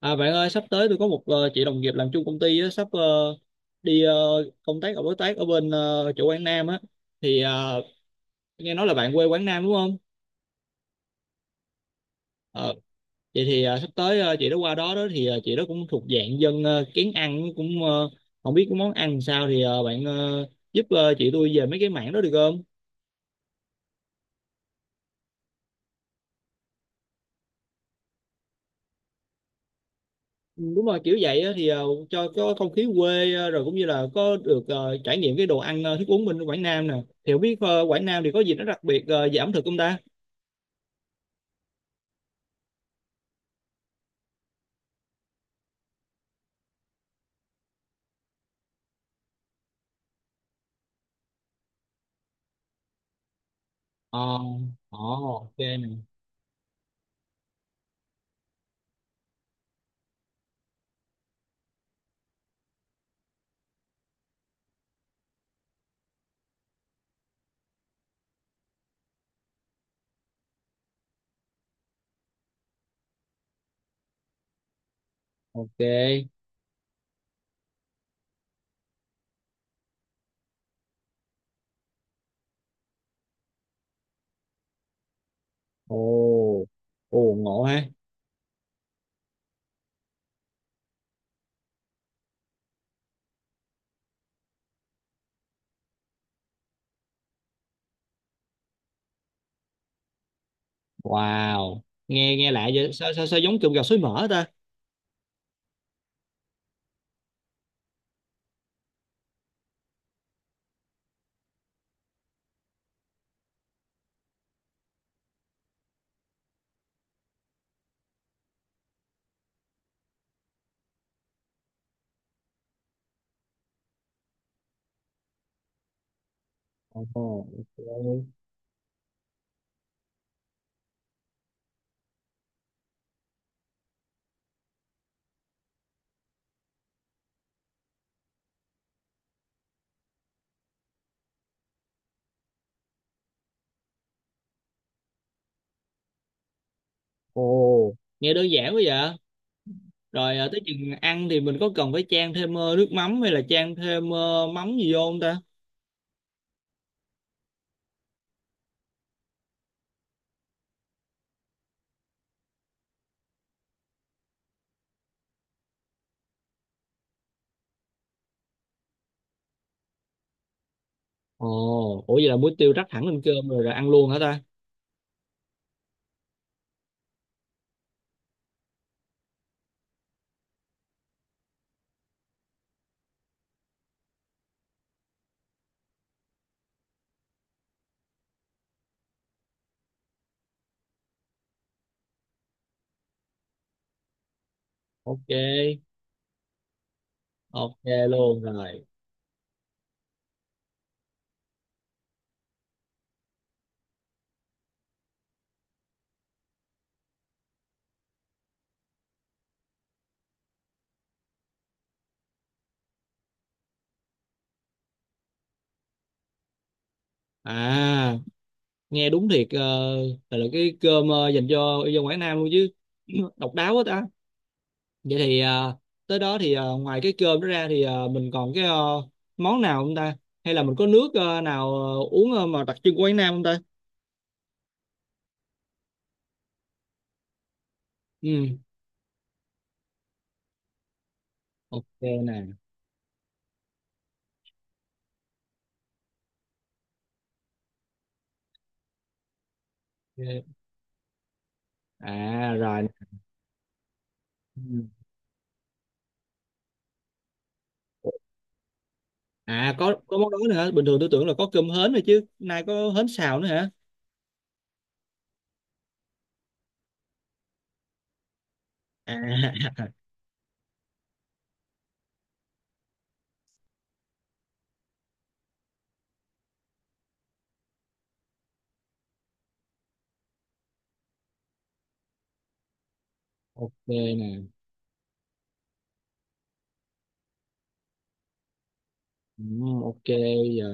À bạn ơi, sắp tới tôi có một chị đồng nghiệp làm chung công ty á, sắp đi công tác ở đối tác ở bên chỗ Quảng Nam á thì nghe nói là bạn quê Quảng Nam đúng không? Ờ, vậy thì sắp tới chị đó qua đó đó thì chị đó cũng thuộc dạng dân kén ăn cũng không biết cái món ăn sao thì bạn giúp chị tôi về mấy cái mảng đó được không? Ừ, đúng rồi kiểu vậy á, thì cho có không khí quê rồi cũng như là có được trải nghiệm cái đồ ăn thức uống bên Quảng Nam nè. Thì không biết Quảng Nam thì có gì nó đặc biệt về ẩm thực không ta? Ờ, ờ, ok nè, ok. Ồ, ồ ngộ ha. Wow, nghe nghe lạ vậy, sao sao sao giống kiểu gà suối mỡ ta? Ồ, ok. Ồ, nghe đơn giản quá vậy. Rồi à, tới chừng ăn thì mình có cần phải chan thêm nước mắm hay là chan thêm mắm gì vô không ta? Ồ, ủa vậy là muối tiêu rắc thẳng lên cơm rồi, rồi ăn luôn hả ta? Ok, ok luôn rồi. À, nghe đúng thiệt là cái cơm dành cho dân Quảng Nam luôn chứ độc đáo quá ta. Vậy thì tới đó thì ngoài cái cơm đó ra thì mình còn cái món nào không ta, hay là mình có nước nào uống mà đặc trưng của Quảng Nam không ta? Ừ, ok nè. Ok. À rồi nè. Ừ. À có món đó nữa hả? Bình thường tôi tưởng là có cơm hến rồi chứ nay có hến xào nữa hả? À, ok nè. Ừ, ok giờ.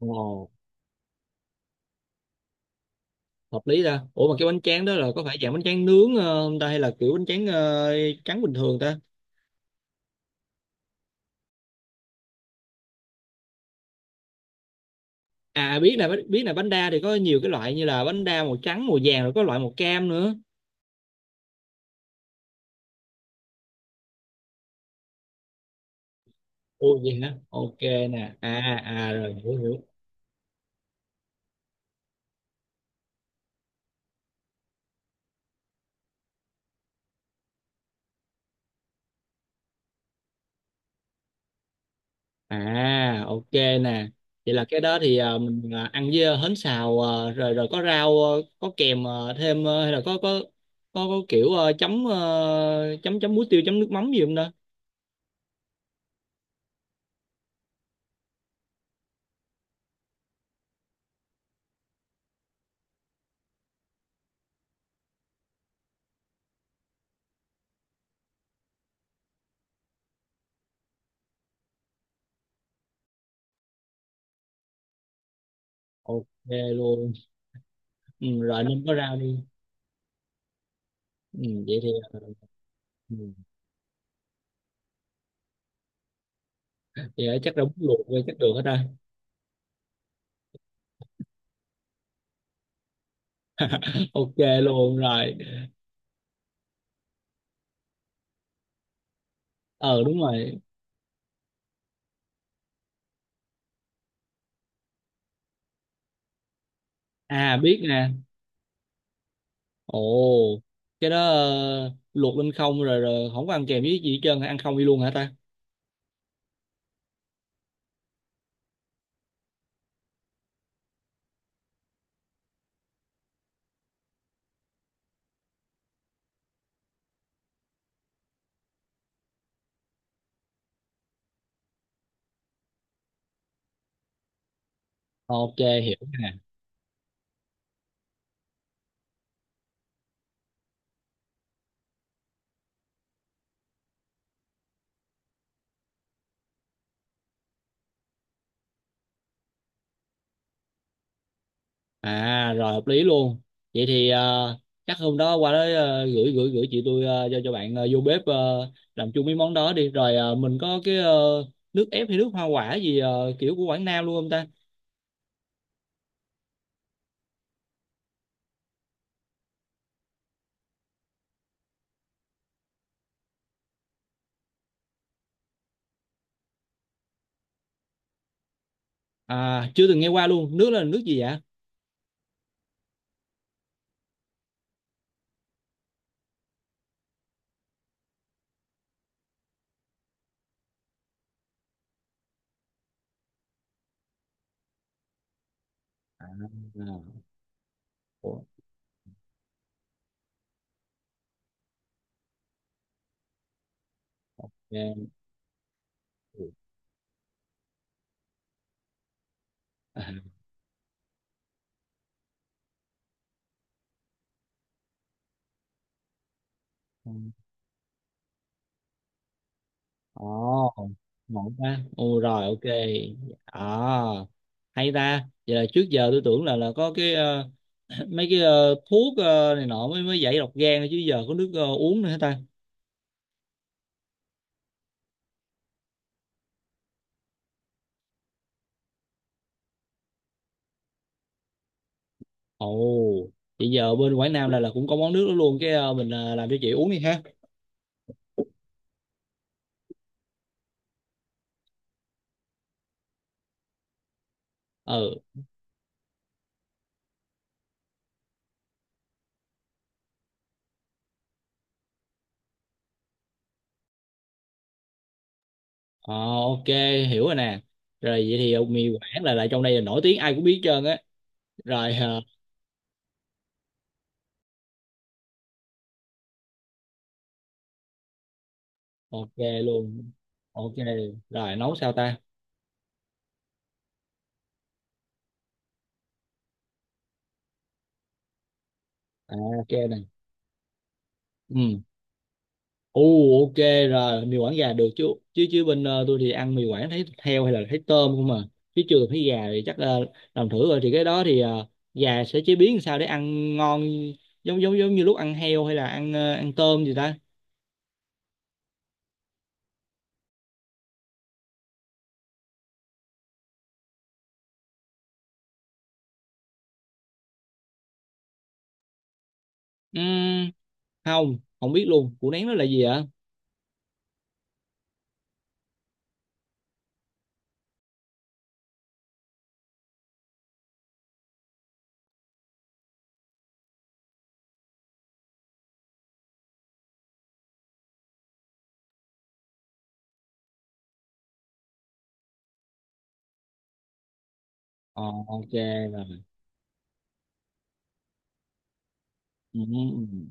Ồ. Hợp lý ra, ủa mà cái bánh tráng đó là có phải dạng bánh tráng nướng không ta, hay là kiểu bánh tráng trắng bình thường ta? À biết, là bánh đa thì có nhiều cái loại như là bánh đa màu trắng, màu vàng, rồi có loại màu cam nữa. Ồ vậy hả, ok nè, à à rồi hiểu hiểu à ok nè, vậy là cái đó thì mình ăn với hến xào rồi rồi có rau có kèm thêm hay là có có kiểu chấm chấm chấm muối tiêu, chấm nước mắm gì không đó? Ok luôn. Ừ, rồi nên có rau đi. Ừ, vậy thì ừ. Vậy là chắc là bún luộc rồi, chắc được hết rồi. Ok luôn rồi. Ờ đúng rồi. À biết nè. Ồ, cái đó luộc lên không rồi rồi không có ăn kèm với gì hết trơn, ăn không đi luôn hả ta? Ok hiểu nè. À rồi hợp lý luôn. Vậy thì chắc hôm đó qua đó gửi gửi gửi chị tôi cho bạn vô bếp làm chung mấy món đó đi, rồi mình có cái nước ép hay nước hoa quả gì kiểu của Quảng Nam luôn không ta? À chưa từng nghe qua luôn, nước là nước gì vậy? À, à, ủa, nghe à, không. Ồ ngộ ta, ừ rồi ok. À hay ta, vậy là trước giờ tôi tưởng là có cái mấy cái thuốc này nọ mới mới giải độc gan, chứ giờ có nước uống nữa hả ta? Ồ vậy giờ bên Quảng Nam là cũng có món nước đó luôn, cái mình làm cho chị uống đi ha. Ừ. Ờ, ok hiểu rồi nè. Rồi vậy thì mì Quảng là trong đây là nổi tiếng, ai cũng biết hết trơn á. Rồi ok luôn. Ok. Rồi nấu sao ta? À ok này. Ừ, u, ok rồi. Mì quảng gà được chứ? Chứ bên tôi thì ăn mì quảng thấy heo hay là thấy tôm không mà, chứ chưa được thấy gà, thì chắc làm thử rồi thì cái đó thì gà sẽ chế biến sao để ăn ngon, giống giống giống như lúc ăn heo hay là ăn ăn tôm gì ta? Ừm, không không biết luôn, củ nén nó là gì ạ? Ờ ok rồi. Ừm.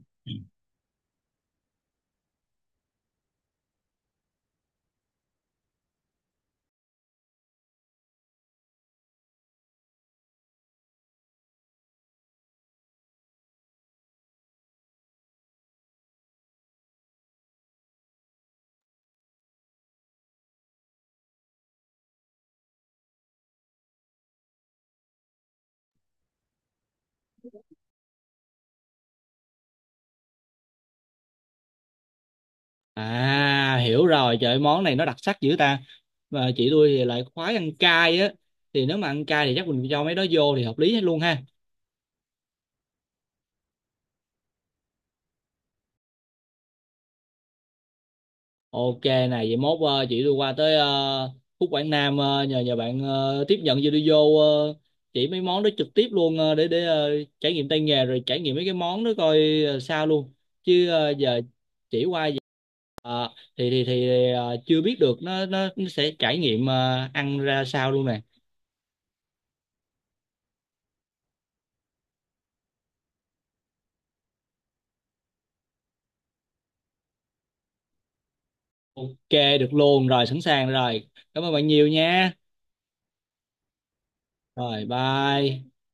À hiểu rồi, trời ơi, món này nó đặc sắc dữ ta. Mà chị tôi thì lại khoái ăn cay á, thì nếu mà ăn cay thì chắc mình cho mấy đó vô thì hợp lý hết luôn ha. Ok này, vậy mốt chị tôi qua tới Phúc Quảng Nam, nhờ nhờ bạn tiếp nhận chị tôi vô, chỉ mấy món đó trực tiếp luôn, để trải nghiệm tay nghề rồi trải nghiệm mấy cái món đó coi sao luôn. Chứ giờ chỉ qua vậy, ờ, thì chưa biết được nó nó sẽ trải nghiệm ăn ra sao luôn nè. Ok được luôn rồi, sẵn sàng rồi. Cảm ơn bạn nhiều nha. Rồi bye.